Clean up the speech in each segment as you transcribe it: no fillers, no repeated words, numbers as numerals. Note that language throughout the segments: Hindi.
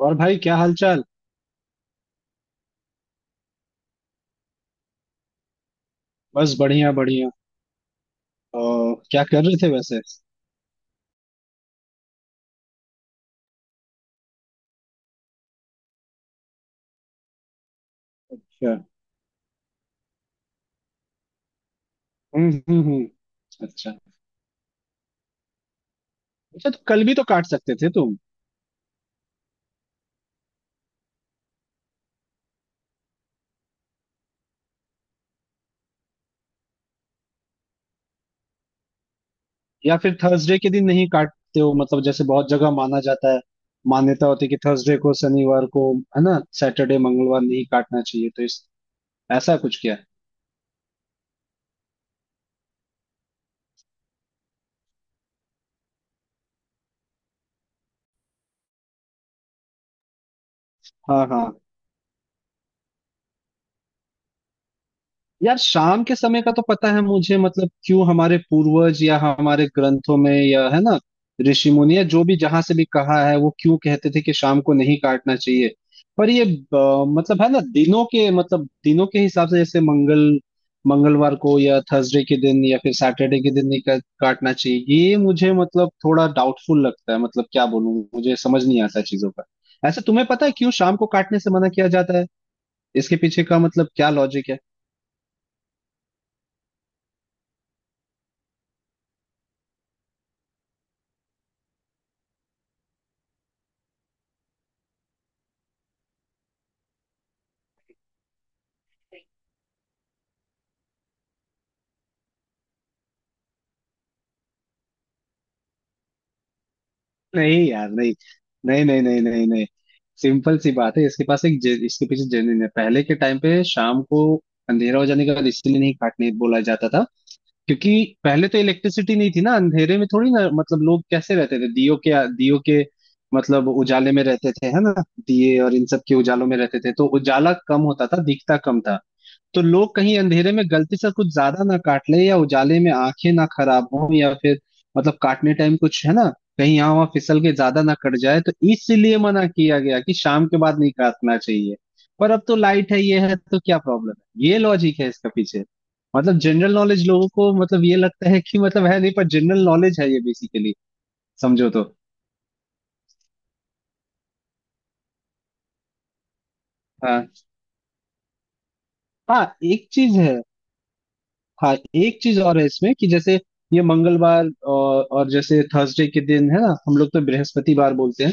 और भाई क्या हालचाल। बस बढ़िया बढ़िया। और क्या कर रहे थे वैसे? अच्छा। हम्म। अच्छा, अच्छा तो कल भी तो काट सकते थे तुम। या फिर थर्सडे के दिन नहीं काटते हो मतलब, जैसे बहुत जगह माना जाता है, मान्यता होती है कि थर्सडे को, शनिवार को, है ना सैटरडे, मंगलवार नहीं काटना चाहिए तो इस, ऐसा कुछ क्या है? हाँ हाँ। यार शाम के समय का तो पता है मुझे, मतलब क्यों हमारे पूर्वज या हमारे ग्रंथों में या, है ना, ऋषि मुनि या जो भी जहां से भी कहा है, वो क्यों कहते थे कि शाम को नहीं काटना चाहिए। पर ये मतलब है ना, दिनों के, मतलब दिनों के हिसाब से जैसे मंगल, मंगलवार को या थर्सडे के दिन या फिर सैटरडे के दिन नहीं काटना चाहिए, ये मुझे मतलब थोड़ा डाउटफुल लगता है, मतलब क्या बोलूं, मुझे समझ नहीं आता है चीजों का। ऐसा तुम्हें पता है क्यों शाम को काटने से मना किया जाता है? इसके पीछे का मतलब क्या लॉजिक है? नहीं यार, नहीं नहीं नहीं नहीं नहीं नहीं। सिंपल सी बात है, इसके पास एक इसके पीछे जर्नी है। पहले के टाइम पे शाम को अंधेरा हो जाने के बाद इसीलिए नहीं काटने बोला जाता था, क्योंकि पहले तो इलेक्ट्रिसिटी नहीं थी ना, अंधेरे में थोड़ी ना, मतलब लोग कैसे रहते थे, दियो के मतलब उजाले में रहते थे, है ना। दिए और इन सब के उजालों में रहते थे, तो उजाला कम होता था, दिखता कम था। तो लोग कहीं अंधेरे में गलती से कुछ ज्यादा ना काट ले, या उजाले में आंखें ना खराब हो, या फिर मतलब काटने टाइम कुछ, है ना, कहीं यहाँ वहां फिसल के ज्यादा ना कट जाए, तो इसलिए मना किया गया कि शाम के बाद नहीं काटना चाहिए। पर अब तो लाइट है ये है, तो क्या प्रॉब्लम है? ये लॉजिक है इसका पीछे। मतलब जनरल नॉलेज लोगों को, मतलब ये लगता है कि मतलब है नहीं, पर जनरल नॉलेज है ये बेसिकली, समझो तो। हाँ हाँ एक चीज है। हाँ एक चीज और है इसमें, कि जैसे ये मंगलवार और जैसे थर्सडे के दिन, है ना, हम लोग तो बृहस्पतिवार बोलते हैं।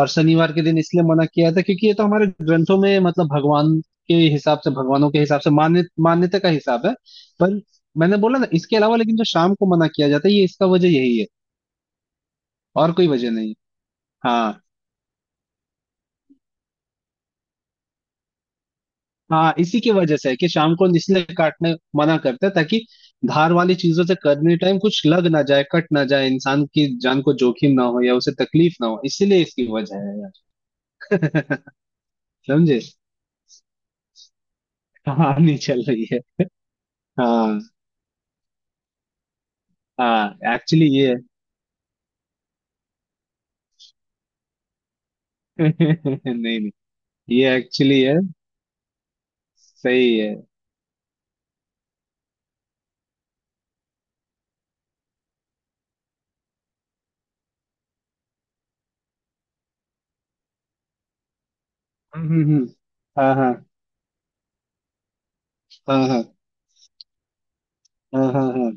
और शनिवार के दिन इसलिए मना किया था, क्योंकि ये तो हमारे ग्रंथों में मतलब भगवान के हिसाब से, भगवानों के हिसाब से मान्य, मान्यता का हिसाब है। पर मैंने बोला ना, इसके अलावा लेकिन जो शाम को मना किया जाता है, ये इसका वजह यही है, और कोई वजह नहीं। हाँ हाँ, इसी की वजह से है कि शाम को इसलिए काटने मना करते हैं, ताकि धार वाली चीजों से करने टाइम कुछ लग ना जाए, कट ना जाए, इंसान की जान को जोखिम ना हो, या उसे तकलीफ ना हो, इसीलिए इसकी वजह है। यार समझे, कहानी चल रही है। हाँ हाँ, एक्चुअली ये है। नहीं नहीं, ये एक्चुअली है, सही है। हम्म। हाँ हाँ, हाँ हाँ, हाँ हाँ हाँ,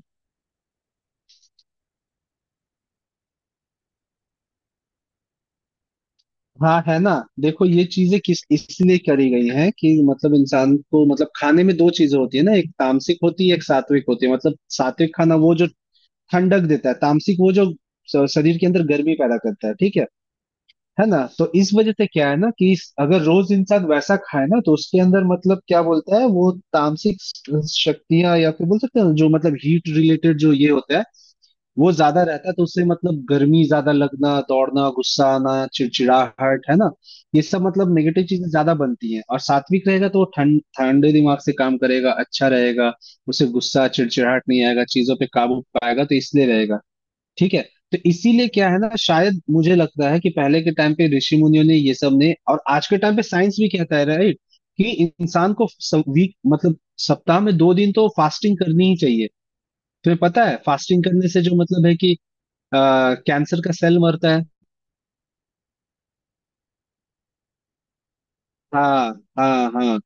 हाँ। है ना, देखो ये चीजें किस इसलिए करी गई हैं, कि मतलब इंसान को, मतलब खाने में दो चीजें होती है ना, एक तामसिक होती है, एक सात्विक होती है। मतलब सात्विक खाना वो जो ठंडक देता है, तामसिक वो जो शरीर के अंदर गर्मी पैदा करता है, ठीक है। है ना, तो इस वजह से क्या है ना कि अगर रोज इंसान वैसा खाए ना, तो उसके अंदर मतलब क्या बोलता है वो, तामसिक शक्तियां, या फिर बोल सकते हैं जो मतलब हीट रिलेटेड जो ये होता है वो ज्यादा रहता है। तो उससे मतलब गर्मी ज्यादा लगना, दौड़ना, गुस्सा आना, चिड़चिड़ाहट, है ना, ये सब मतलब नेगेटिव चीजें ज्यादा बनती हैं। और सात्विक रहेगा तो वो ठंड, ठंडे दिमाग से काम करेगा, अच्छा रहेगा, उसे गुस्सा चिड़चिड़ाहट नहीं आएगा, चीजों पे काबू पाएगा, तो इसलिए रहेगा। ठीक है। तो इसीलिए क्या है ना, शायद मुझे लगता है कि पहले के टाइम पे ऋषि मुनियों ने ये सब ने, और आज के टाइम पे साइंस भी कहता है, राइट, कि इंसान को वीक मतलब सप्ताह में दो दिन तो फास्टिंग करनी ही चाहिए। तुम्हें पता है फास्टिंग करने से जो मतलब है कि कैंसर का सेल मरता है। हाँ हाँ हाँ,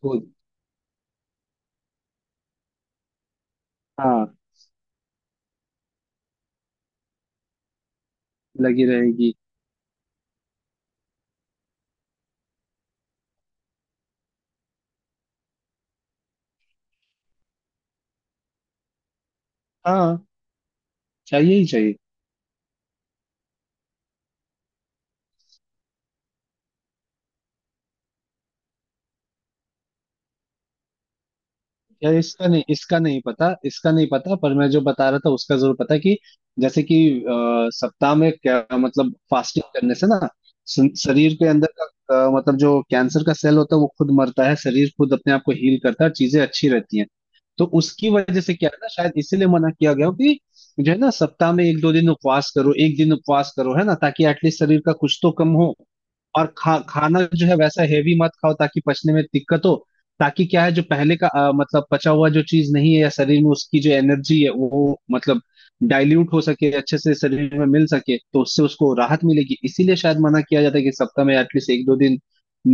खुद। हाँ, लगी रहेगी। हाँ, चाहिए ही चाहिए। यार इसका नहीं, इसका नहीं पता, इसका नहीं पता, पर मैं जो बता रहा था उसका जरूर पता है, कि जैसे कि सप्ताह में क्या मतलब फास्टिंग करने से ना, शरीर के अंदर का मतलब जो कैंसर का सेल होता है वो खुद मरता है, शरीर खुद अपने आप को हील करता है, चीजें अच्छी रहती हैं। तो उसकी वजह से क्या है ना, शायद इसीलिए मना किया गया हो कि जो है ना, सप्ताह में एक दो दिन उपवास करो, एक दिन उपवास करो, है ना, ताकि एटलीस्ट शरीर का कुछ तो कम हो। और खा खाना जो है वैसा हेवी मत खाओ, ताकि पचने में दिक्कत हो, ताकि क्या है जो पहले का मतलब पचा हुआ जो चीज नहीं है, या शरीर में उसकी जो एनर्जी है वो मतलब डाइल्यूट हो सके अच्छे से, शरीर में मिल सके, तो उससे उसको राहत मिलेगी। इसीलिए शायद मना किया जाता है कि सप्ताह में एटलीस्ट एक दो दिन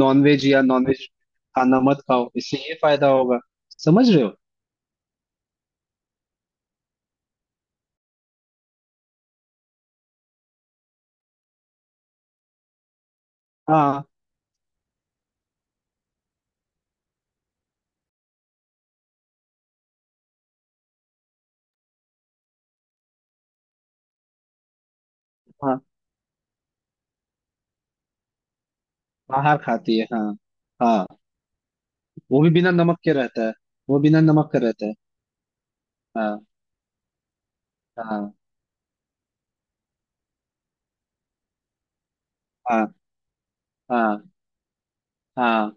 नॉनवेज, या नॉनवेज खाना मत खाओ, इससे ये फायदा होगा, समझ रहे हो। हाँ हाँ, आहार खाती है, हाँ। हाँ, वो भी बिना नमक के रहता है। वो बिना नमक का रहता है। हाँ हाँ। हाँ हाँ हाँ।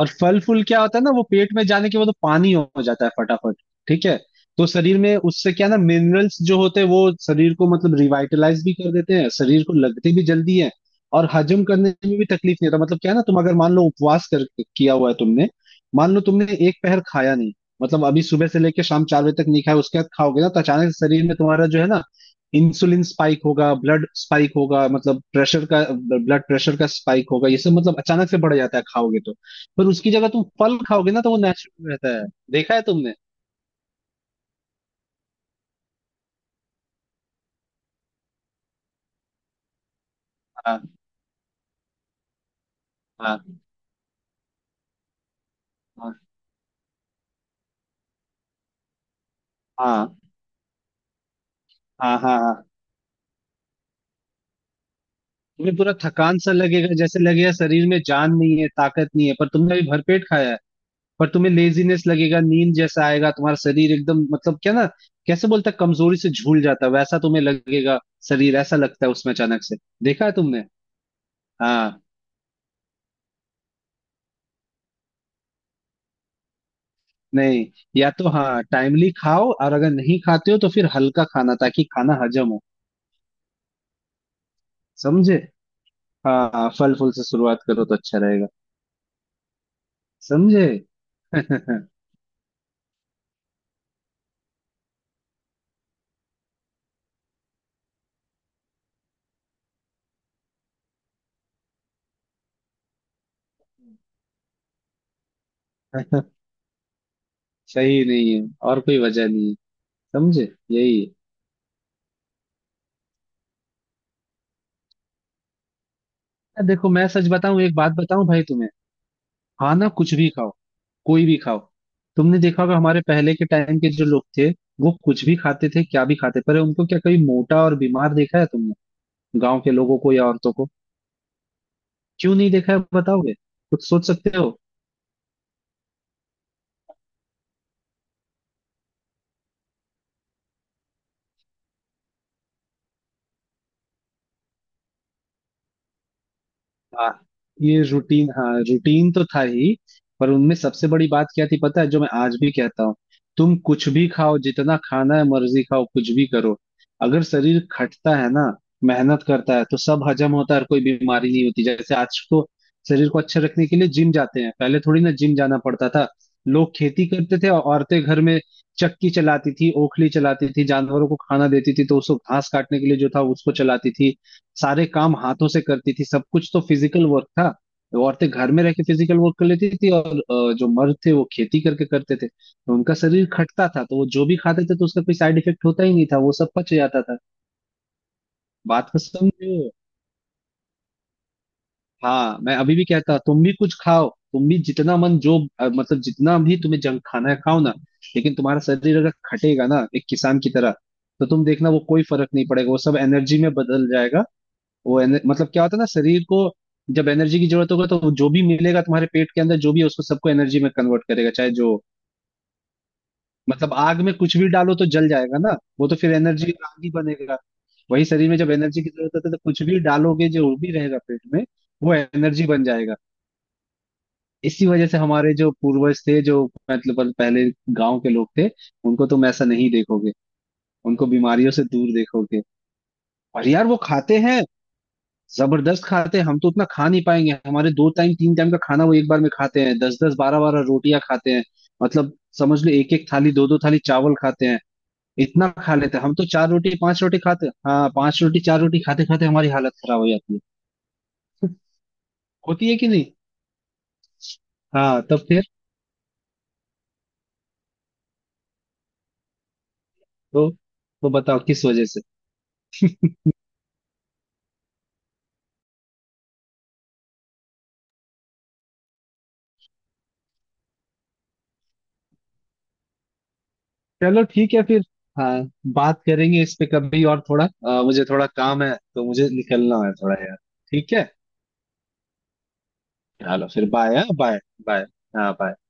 और फल फूल क्या होता है ना, वो पेट में जाने के बाद वो पानी हो जाता है फटाफट, ठीक है। तो शरीर में उससे क्या ना, मिनरल्स जो होते हैं वो शरीर को मतलब रिवाइटलाइज भी कर देते हैं, शरीर को लगते भी जल्दी है, और हजम करने में भी तकलीफ नहीं होता। मतलब क्या है ना, तुम अगर मान लो उपवास कर किया हुआ है तुमने, मान लो तुमने एक पहर खाया नहीं, मतलब अभी सुबह से लेकर शाम चार बजे तक नहीं खाया, उसके बाद खाओगे ना, तो अचानक से शरीर में तुम्हारा जो है ना, इंसुलिन स्पाइक होगा, ब्लड स्पाइक होगा, मतलब प्रेशर का, ब्लड प्रेशर का स्पाइक होगा, ये सब मतलब अचानक से बढ़ जाता है खाओगे तो। पर उसकी जगह तुम फल खाओगे ना, तो वो नेचुरल रहता है। देखा है तुमने? हाँ हाँ हाँ हाँ हाँ हाँ हाँ। तुम्हें पूरा थकान सा लगेगा, जैसे लगेगा शरीर में जान नहीं है, ताकत नहीं है, पर तुमने अभी भरपेट खाया है, पर तुम्हें लेजीनेस लगेगा, नींद जैसा आएगा, तुम्हारा शरीर एकदम मतलब क्या ना, कैसे बोलता है, कमजोरी से झूल जाता है वैसा तुम्हें लगेगा। शरीर ऐसा लगता है उसमें अचानक से, देखा है तुमने? हाँ। नहीं, या तो हाँ टाइमली खाओ, और अगर नहीं खाते हो तो फिर हल्का खाना ताकि खाना हजम हो, समझे। हाँ हाँ, फल फूल से शुरुआत करो तो अच्छा रहेगा, समझे। सही नहीं है और कोई वजह नहीं है, समझे, यही है। देखो मैं सच बताऊं, एक बात बताऊं भाई तुम्हें, खाना कुछ भी खाओ, कोई भी खाओ। तुमने देखा होगा हमारे पहले के टाइम के जो लोग थे, वो कुछ भी खाते थे, क्या भी खाते, पर उनको क्या कभी मोटा और बीमार देखा है तुमने, गांव के लोगों को या औरतों को? क्यों नहीं देखा है बताओगे, कुछ सोच सकते हो? हाँ ये रूटीन, हाँ रूटीन तो था ही, पर उनमें सबसे बड़ी बात क्या थी पता है, जो मैं आज भी कहता हूँ, तुम कुछ भी खाओ, जितना खाना है मर्जी खाओ, कुछ भी करो, अगर शरीर खटता है ना, मेहनत करता है, तो सब हजम होता है और कोई बीमारी नहीं होती। जैसे आज तो शरीर को अच्छा रखने के लिए जिम जाते हैं, पहले थोड़ी ना जिम जाना पड़ता था। लोग खेती करते थे, और औरतें घर में चक्की चलाती थी, ओखली चलाती थी, जानवरों को खाना देती थी, तो उसको घास काटने के लिए जो था उसको चलाती थी, सारे काम हाथों से करती थी, सब कुछ तो फिजिकल वर्क था। वो औरतें घर में रह के फिजिकल वर्क कर लेती थी, और जो मर्द थे वो खेती करके करते थे, तो उनका शरीर खटता था, तो वो जो भी खाते थे तो उसका कोई साइड इफेक्ट होता ही नहीं था, वो सब पच जाता था। बात को समझो। हाँ मैं अभी भी कहता, तुम भी कुछ खाओ, तुम भी जितना मन जो मतलब जितना भी तुम्हें जंक खाना है खाओ ना, लेकिन तुम्हारा शरीर अगर खटेगा ना एक किसान की तरह, तो तुम देखना वो कोई फर्क नहीं पड़ेगा, वो सब एनर्जी में बदल जाएगा। वो मतलब क्या होता है ना, शरीर को जब एनर्जी की जरूरत होगा, तो जो भी मिलेगा तुम्हारे पेट के अंदर जो भी है, उसको सबको एनर्जी में कन्वर्ट करेगा चाहे जो। मतलब आग में कुछ भी डालो तो जल जाएगा ना, वो तो फिर एनर्जी, आग ही बनेगा। वही शरीर में जब एनर्जी की जरूरत होती है, तो कुछ भी डालोगे जो भी रहेगा पेट में वो एनर्जी बन जाएगा। इसी वजह से हमारे जो पूर्वज थे, जो मतलब पहले गांव के लोग थे, उनको तुम ऐसा नहीं देखोगे, उनको बीमारियों से दूर देखोगे। और यार वो खाते हैं, जबरदस्त खाते हैं, हम तो उतना खा नहीं पाएंगे, हमारे दो टाइम तीन टाइम का खाना वो एक बार में खाते हैं, दस दस बारह बारह रोटियां खाते हैं, मतलब समझ लो एक एक थाली दो दो थाली चावल खाते हैं, इतना खा लेते हैं। हम तो चार रोटी पांच रोटी खाते हैं, हाँ पांच रोटी चार रोटी खाते खाते हमारी हालत खराब हो जाती है, होती है कि नहीं। हाँ तब फिर, तो तो बताओ किस वजह से। चलो ठीक है फिर। हाँ बात करेंगे इस पे कभी और, थोड़ा मुझे थोड़ा काम है, तो मुझे निकलना है थोड़ा यार। ठीक है, चलो फिर बाय, हाँ बाय, बाय। हाँ bye।